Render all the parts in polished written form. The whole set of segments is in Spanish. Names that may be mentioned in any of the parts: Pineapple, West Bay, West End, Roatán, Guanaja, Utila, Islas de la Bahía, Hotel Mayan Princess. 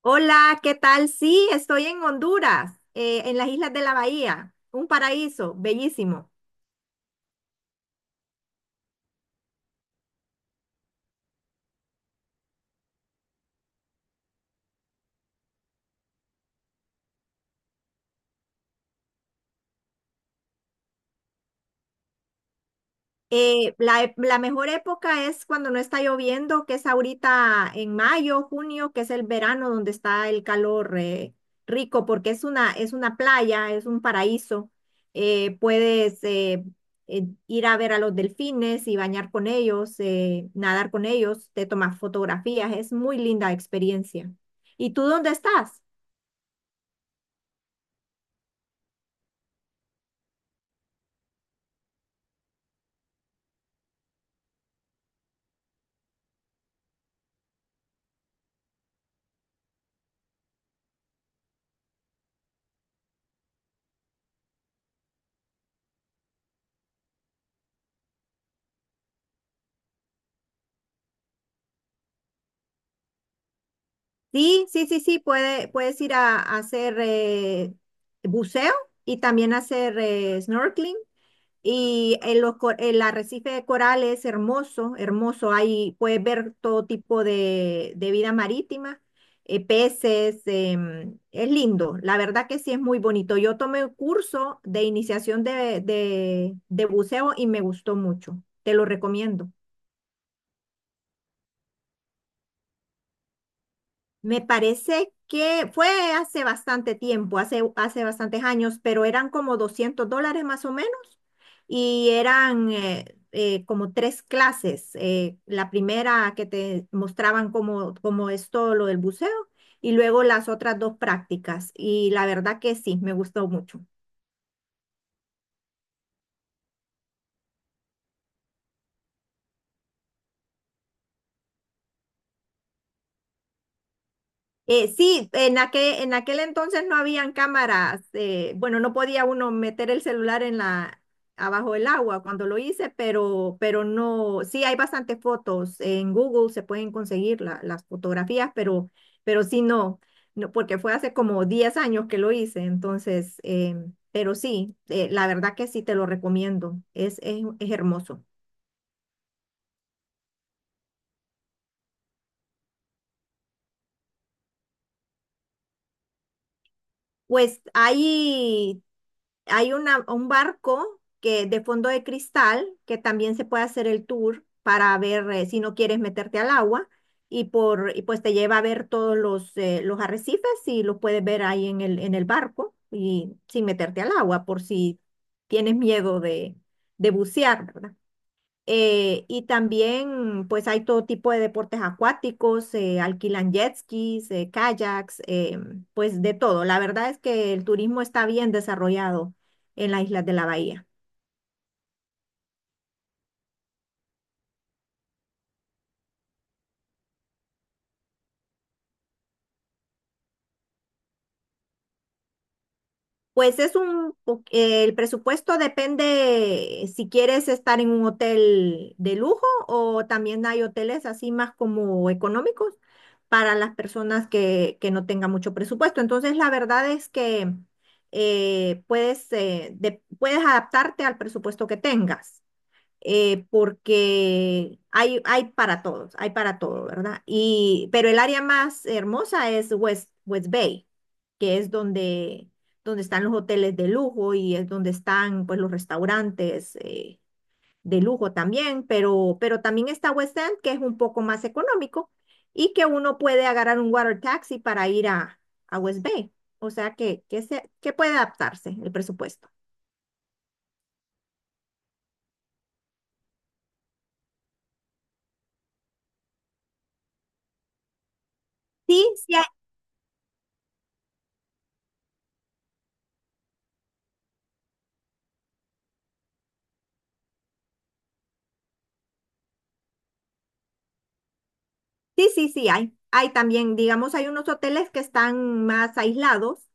Hola, ¿qué tal? Sí, estoy en Honduras, en las Islas de la Bahía, un paraíso bellísimo. La mejor época es cuando no está lloviendo, que es ahorita en mayo, junio, que es el verano donde está el calor rico, porque es una playa, es un paraíso. Puedes ir a ver a los delfines y bañar con ellos, nadar con ellos, te tomas fotografías, es muy linda experiencia. ¿Y tú dónde estás? Sí, sí, sí, sí, puedes ir a hacer buceo y también hacer snorkeling. El arrecife de coral es hermoso, hermoso. Ahí puedes ver todo tipo de vida marítima, peces, es lindo. La verdad que sí es muy bonito. Yo tomé un curso de iniciación de buceo y me gustó mucho. Te lo recomiendo. Me parece que fue hace bastante tiempo, hace bastantes años, pero eran como $200 más o menos y eran como tres clases. La primera que te mostraban cómo es todo lo del buceo y luego las otras dos prácticas. Y la verdad que sí, me gustó mucho. Sí, en aquel entonces no habían cámaras, bueno, no podía uno meter el celular abajo del agua cuando lo hice, pero no, sí hay bastantes fotos, en Google se pueden conseguir las fotografías, pero sí no, no, porque fue hace como 10 años que lo hice, entonces, pero sí, la verdad que sí te lo recomiendo, es hermoso. Pues ahí hay un barco que de fondo de cristal que también se puede hacer el tour para ver, si no quieres meterte al agua y pues te lleva a ver todos los arrecifes y los puedes ver ahí en el barco y sin meterte al agua por si tienes miedo de bucear, ¿verdad? Y también, pues hay todo tipo de deportes acuáticos, alquilan jet skis, kayaks, pues de todo. La verdad es que el turismo está bien desarrollado en las Islas de la Bahía. El presupuesto depende si quieres estar en un hotel de lujo o también hay hoteles así más como económicos para las personas que no tengan mucho presupuesto. Entonces, la verdad es que puedes, puedes adaptarte al presupuesto que tengas, porque hay para todos, hay para todo, ¿verdad? Y, pero el área más hermosa es West Bay, que es donde están los hoteles de lujo y es donde están, pues, los restaurantes, de lujo también, pero también está West End, que es un poco más económico y que uno puede agarrar un water taxi para ir a West Bay. O sea que puede adaptarse el presupuesto. Sí, sí. Sí, sí, sí, hay. Hay también, digamos, hay unos hoteles que están más aislados,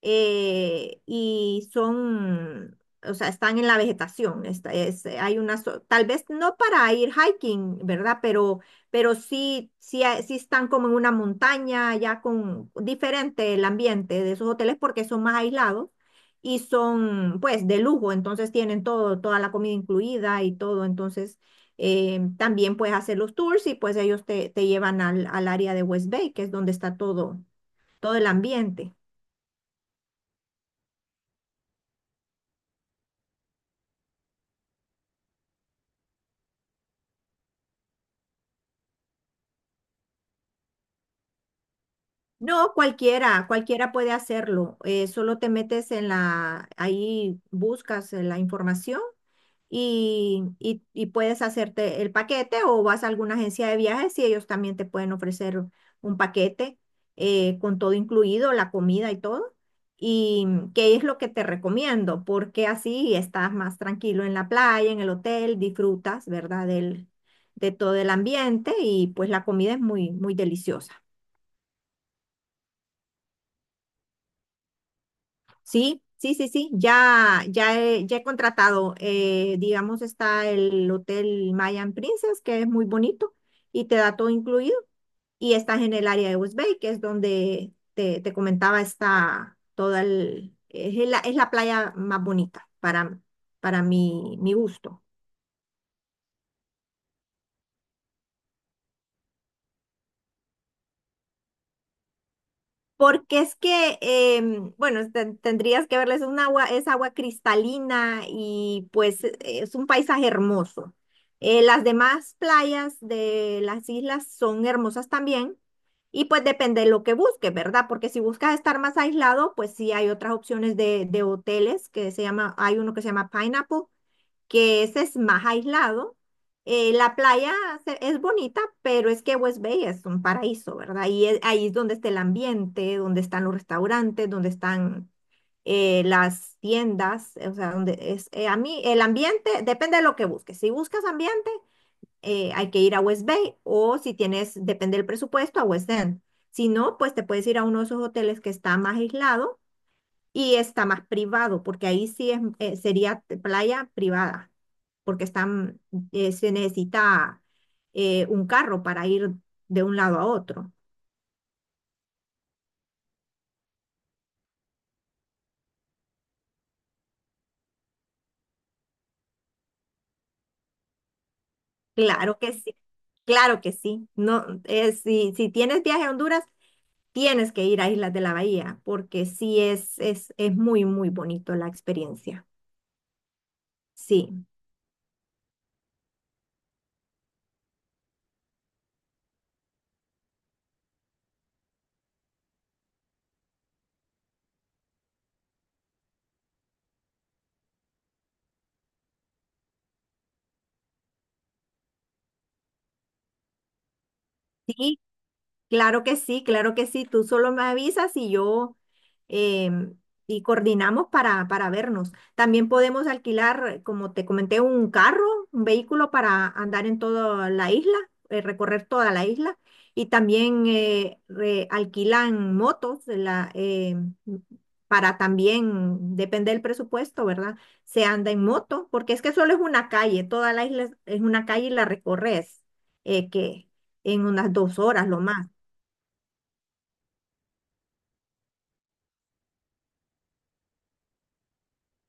y son, o sea, están en la vegetación. Esta es, hay una, zo- Tal vez no para ir hiking, ¿verdad? Pero sí, sí, sí están como en una montaña, ya con diferente el ambiente de esos hoteles porque son más aislados y son, pues, de lujo, entonces tienen todo, toda la comida incluida y todo, entonces. También puedes hacer los tours y pues ellos te llevan al área de West Bay, que es donde está todo, todo el ambiente. No, cualquiera puede hacerlo. Solo te metes ahí buscas, la información y, y puedes hacerte el paquete o vas a alguna agencia de viajes y ellos también te pueden ofrecer un paquete, con todo incluido, la comida y todo. Y qué es lo que te recomiendo, porque así estás más tranquilo en la playa, en el hotel, disfrutas, ¿verdad? De todo el ambiente y pues la comida es muy, muy deliciosa. Sí, sí, sí, sí, ya he contratado, digamos, está el Hotel Mayan Princess, que es muy bonito y te da todo incluido, y estás en el área de West Bay, que es donde te comentaba, está toda el, es la playa más bonita para mi gusto. Porque es que, bueno, tendrías que verles un agua, es agua cristalina y pues es un paisaje hermoso. Las demás playas de las islas son hermosas también y pues depende de lo que busques, ¿verdad? Porque si buscas estar más aislado, pues sí hay otras opciones de hoteles que se llama, hay uno que se llama Pineapple, que ese es más aislado. La playa es bonita, pero es que West Bay es un paraíso, ¿verdad? Ahí es donde está el ambiente, donde están los restaurantes, donde están, las tiendas, o sea, donde es, a mí el ambiente depende de lo que busques. Si buscas ambiente, hay que ir a West Bay o si tienes, depende del presupuesto, a West End. Si no, pues te puedes ir a uno de esos hoteles que está más aislado y está más privado, porque ahí sí es, sería playa privada, porque están, se necesita un carro para ir de un lado a otro. Claro que sí, claro que sí. No, si tienes viaje a Honduras, tienes que ir a Islas de la Bahía, porque sí es muy, muy bonito la experiencia. Sí, sí. Claro que sí, claro que sí. Tú solo me avisas y yo, em, y coordinamos para vernos. También podemos alquilar, como te comenté, un carro, un vehículo para andar en toda la isla, recorrer toda la isla. Y también, alquilan motos para también, depende del presupuesto, ¿verdad? Se anda en moto, porque es que solo es una calle, toda la isla es una calle y la recorres, que en unas 2 horas lo más.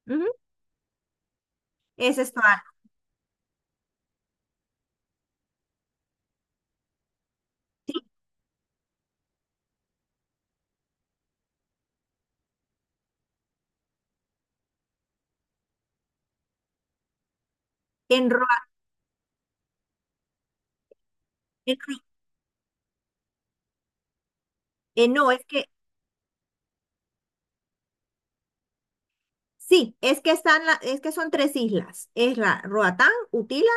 Ujú. Ese Es Estoa, sí, en Roa, en Ro- no, sí, es que es que son tres islas, es la Roatán, Utila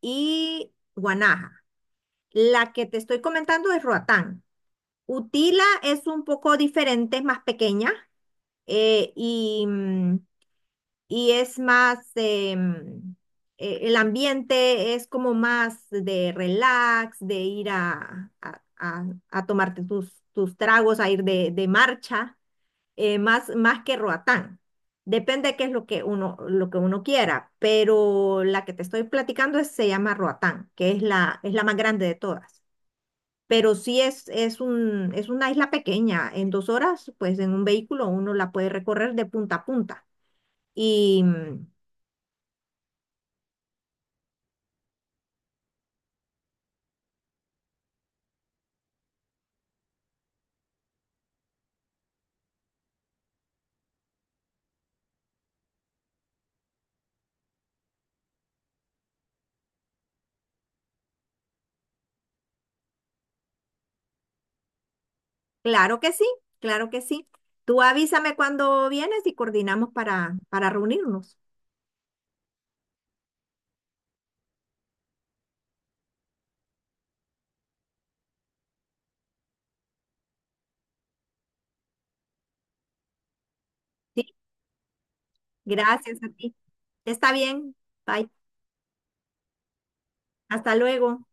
y Guanaja. La que te estoy comentando es Roatán. Utila es un poco diferente, es más pequeña, eh, y, mm, y es más, el ambiente es como más de relax, de ir a tomarte tus tragos, a ir de marcha. Más que Roatán. Depende de qué es lo que uno quiera, pero la que te estoy platicando se llama Roatán, que es es la más grande de todas. Pero sí es una isla pequeña. En 2 horas, pues en un vehículo uno la puede recorrer de punta a punta. Y mm, claro que sí, claro que sí. Tú avísame cuando vienes y coordinamos para reunirnos. Sí, gracias a ti. Está bien. Bye. Hasta luego.